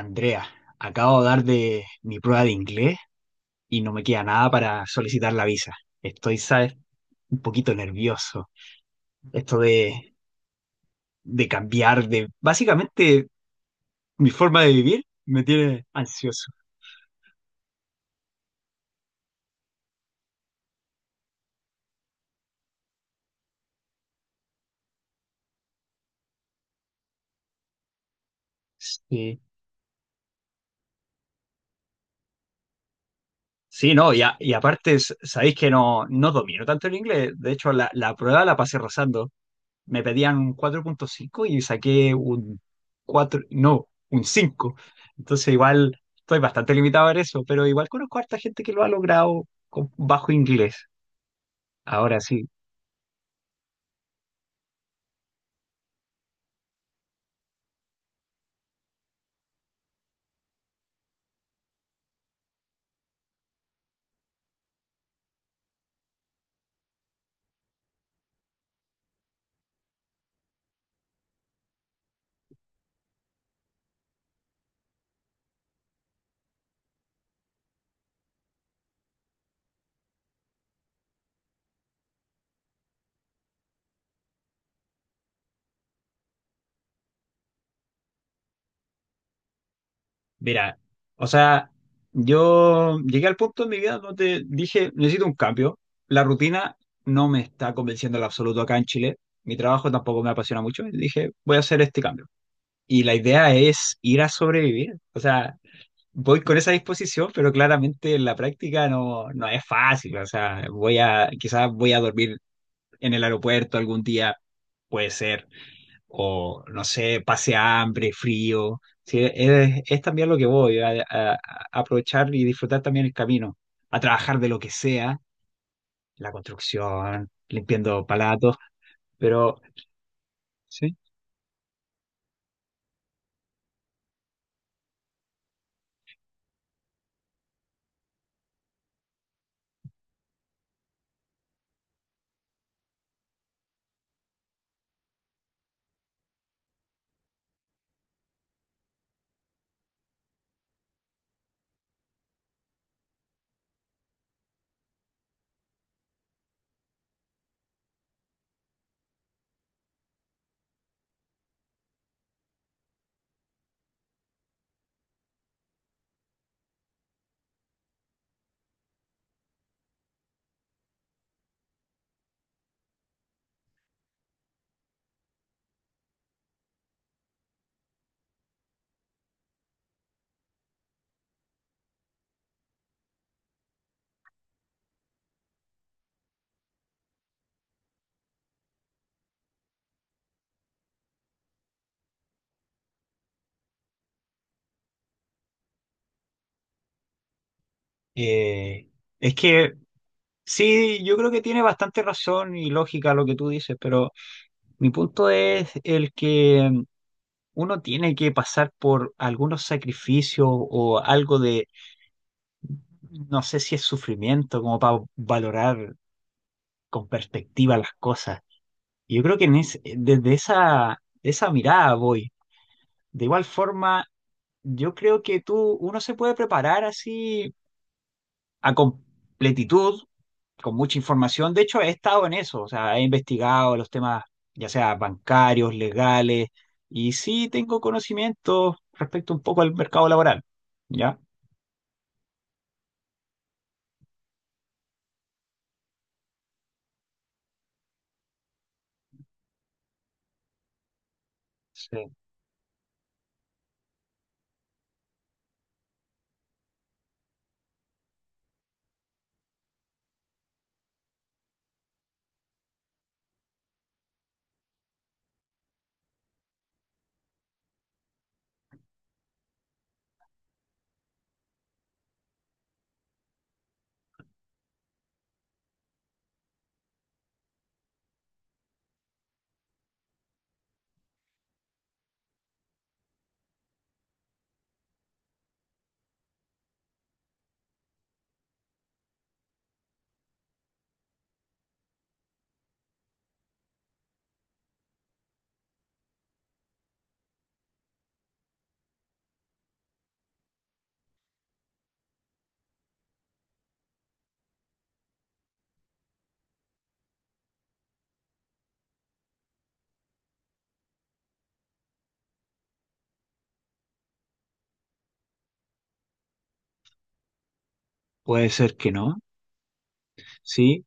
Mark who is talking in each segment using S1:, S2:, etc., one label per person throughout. S1: Andrea, acabo de dar de mi prueba de inglés y no me queda nada para solicitar la visa. Estoy, sabes, un poquito nervioso. Esto de cambiar de básicamente mi forma de vivir me tiene ansioso. Sí. Sí, no, y, y aparte sabéis que no, no domino tanto el inglés. De hecho, la prueba la pasé rozando. Me pedían un 4,5 y saqué un cuatro, no, un cinco. Entonces igual estoy bastante limitado en eso, pero igual conozco a harta gente que lo ha logrado con bajo inglés. Ahora sí, mira, o sea, yo llegué al punto en mi vida donde dije, necesito un cambio. La rutina no me está convenciendo en absoluto acá en Chile. Mi trabajo tampoco me apasiona mucho. Y dije, voy a hacer este cambio. Y la idea es ir a sobrevivir. O sea, voy con esa disposición, pero claramente en la práctica no, no es fácil. O sea, quizás voy a dormir en el aeropuerto algún día, puede ser, o no sé, pase hambre, frío. Sí, es también lo que voy a aprovechar y disfrutar también el camino, a trabajar de lo que sea, la construcción, limpiando palatos, pero sí. eh, es que sí, yo creo que tiene bastante razón y lógica lo que tú dices, pero. Mi punto es el que, uno tiene que pasar por algunos sacrificios o algo de, no sé si es sufrimiento, como para valorar con perspectiva las cosas. Y yo creo que desde esa mirada voy. De igual forma, yo creo que tú, uno se puede preparar así a completitud con mucha información. De hecho, he estado en eso, o sea, he investigado los temas, ya sea bancarios, legales, y sí tengo conocimiento respecto un poco al mercado laboral, ¿ya? Sí. Puede ser que no, sí,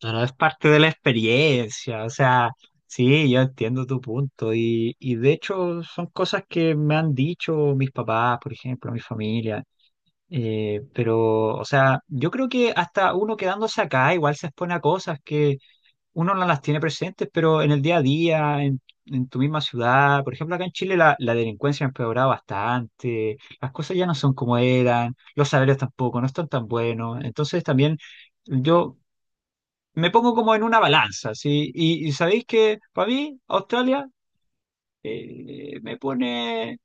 S1: pero es parte de la experiencia, o sea, sí, yo entiendo tu punto, y de hecho son cosas que me han dicho mis papás, por ejemplo, mi familia. Pero, o sea, yo creo que hasta uno quedándose acá igual se expone a cosas que uno no las tiene presentes, pero en el día a día, en tu misma ciudad, por ejemplo, acá en Chile la delincuencia ha empeorado bastante, las cosas ya no son como eran, los salarios tampoco, no están tan buenos, entonces también yo me pongo como en una balanza, ¿sí? Y sabéis que para mí Australia, me pone,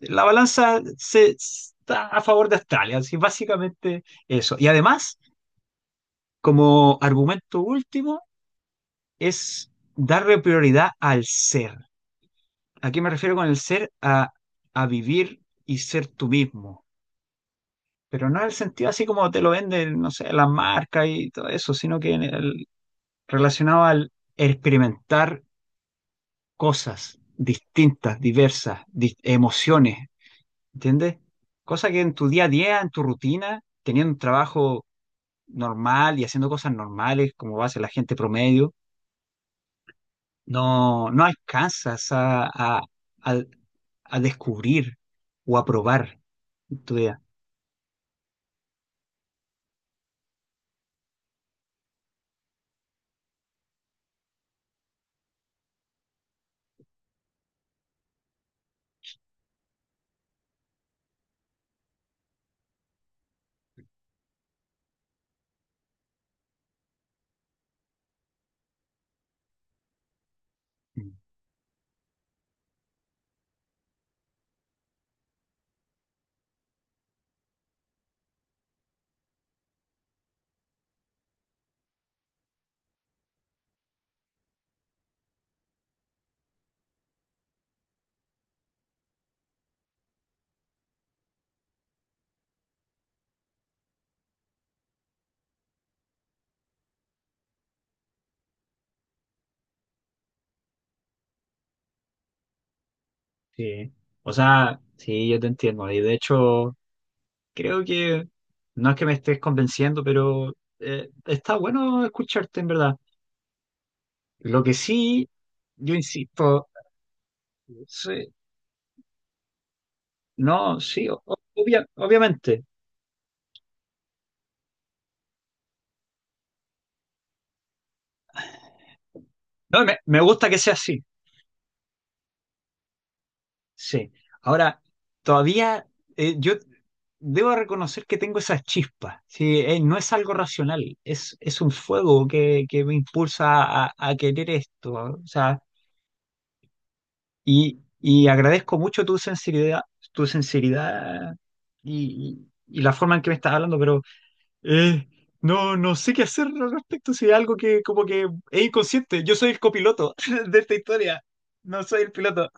S1: la balanza se, está a favor de Australia, así básicamente eso. Y además, como argumento último, es darle prioridad al ser. ¿A qué me refiero con el ser? A vivir y ser tú mismo. Pero no en el sentido así como te lo venden, no sé, las marcas y todo eso, sino que relacionado al experimentar cosas distintas, diversas, emociones, ¿entiendes? Cosa que en tu día a día, en tu rutina, teniendo un trabajo normal y haciendo cosas normales, como hace la gente promedio, no, no alcanzas a- a descubrir o a probar en tu día. Sí, o sea, sí, yo te entiendo. Y de hecho, creo que no es que me estés convenciendo, pero está bueno escucharte en verdad. Lo que sí, yo insisto, sí, no, sí, obviamente. No, me gusta que sea así, sí. Ahora, todavía, yo debo reconocer que tengo esas chispas. Sí, no es algo racional, es un fuego que me impulsa a querer esto. O sea. Y agradezco mucho tu sinceridad y, y- y la forma en que me estás hablando, pero eh, no, no sé qué hacer al respecto. Si es algo que como que es inconsciente. Yo soy el copiloto de esta historia. No soy el piloto.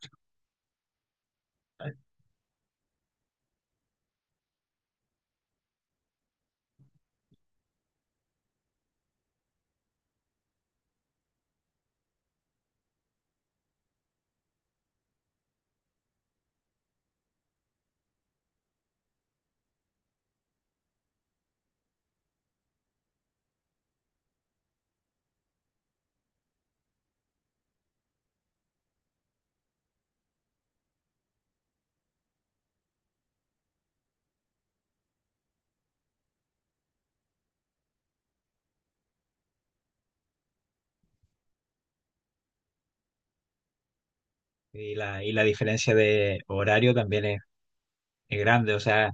S1: Y la diferencia de horario también es grande. O sea,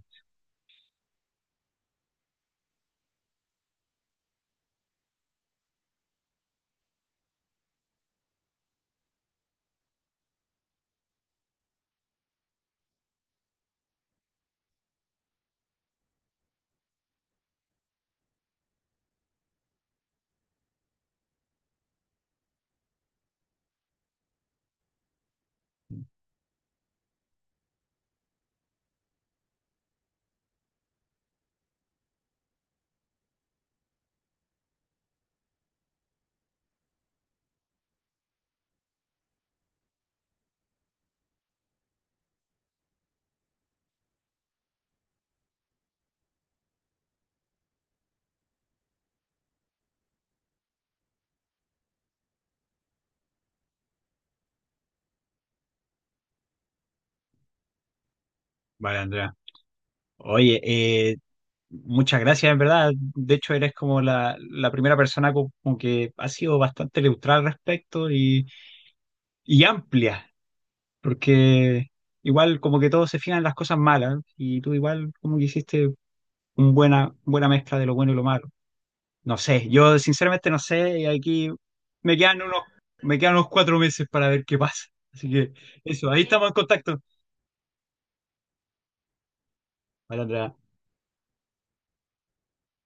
S1: vale, Andrea. Oye, muchas gracias, en verdad. De hecho, eres como la primera persona como que ha sido bastante neutral al respecto y amplia. Porque igual como que todos se fijan en las cosas malas y tú igual como que hiciste una buena, buena mezcla de lo bueno y lo malo. No sé, yo sinceramente no sé, y aquí me quedan unos, me quedan unos 4 meses para ver qué pasa. Así que eso, ahí estamos en contacto. Vale, Andrea.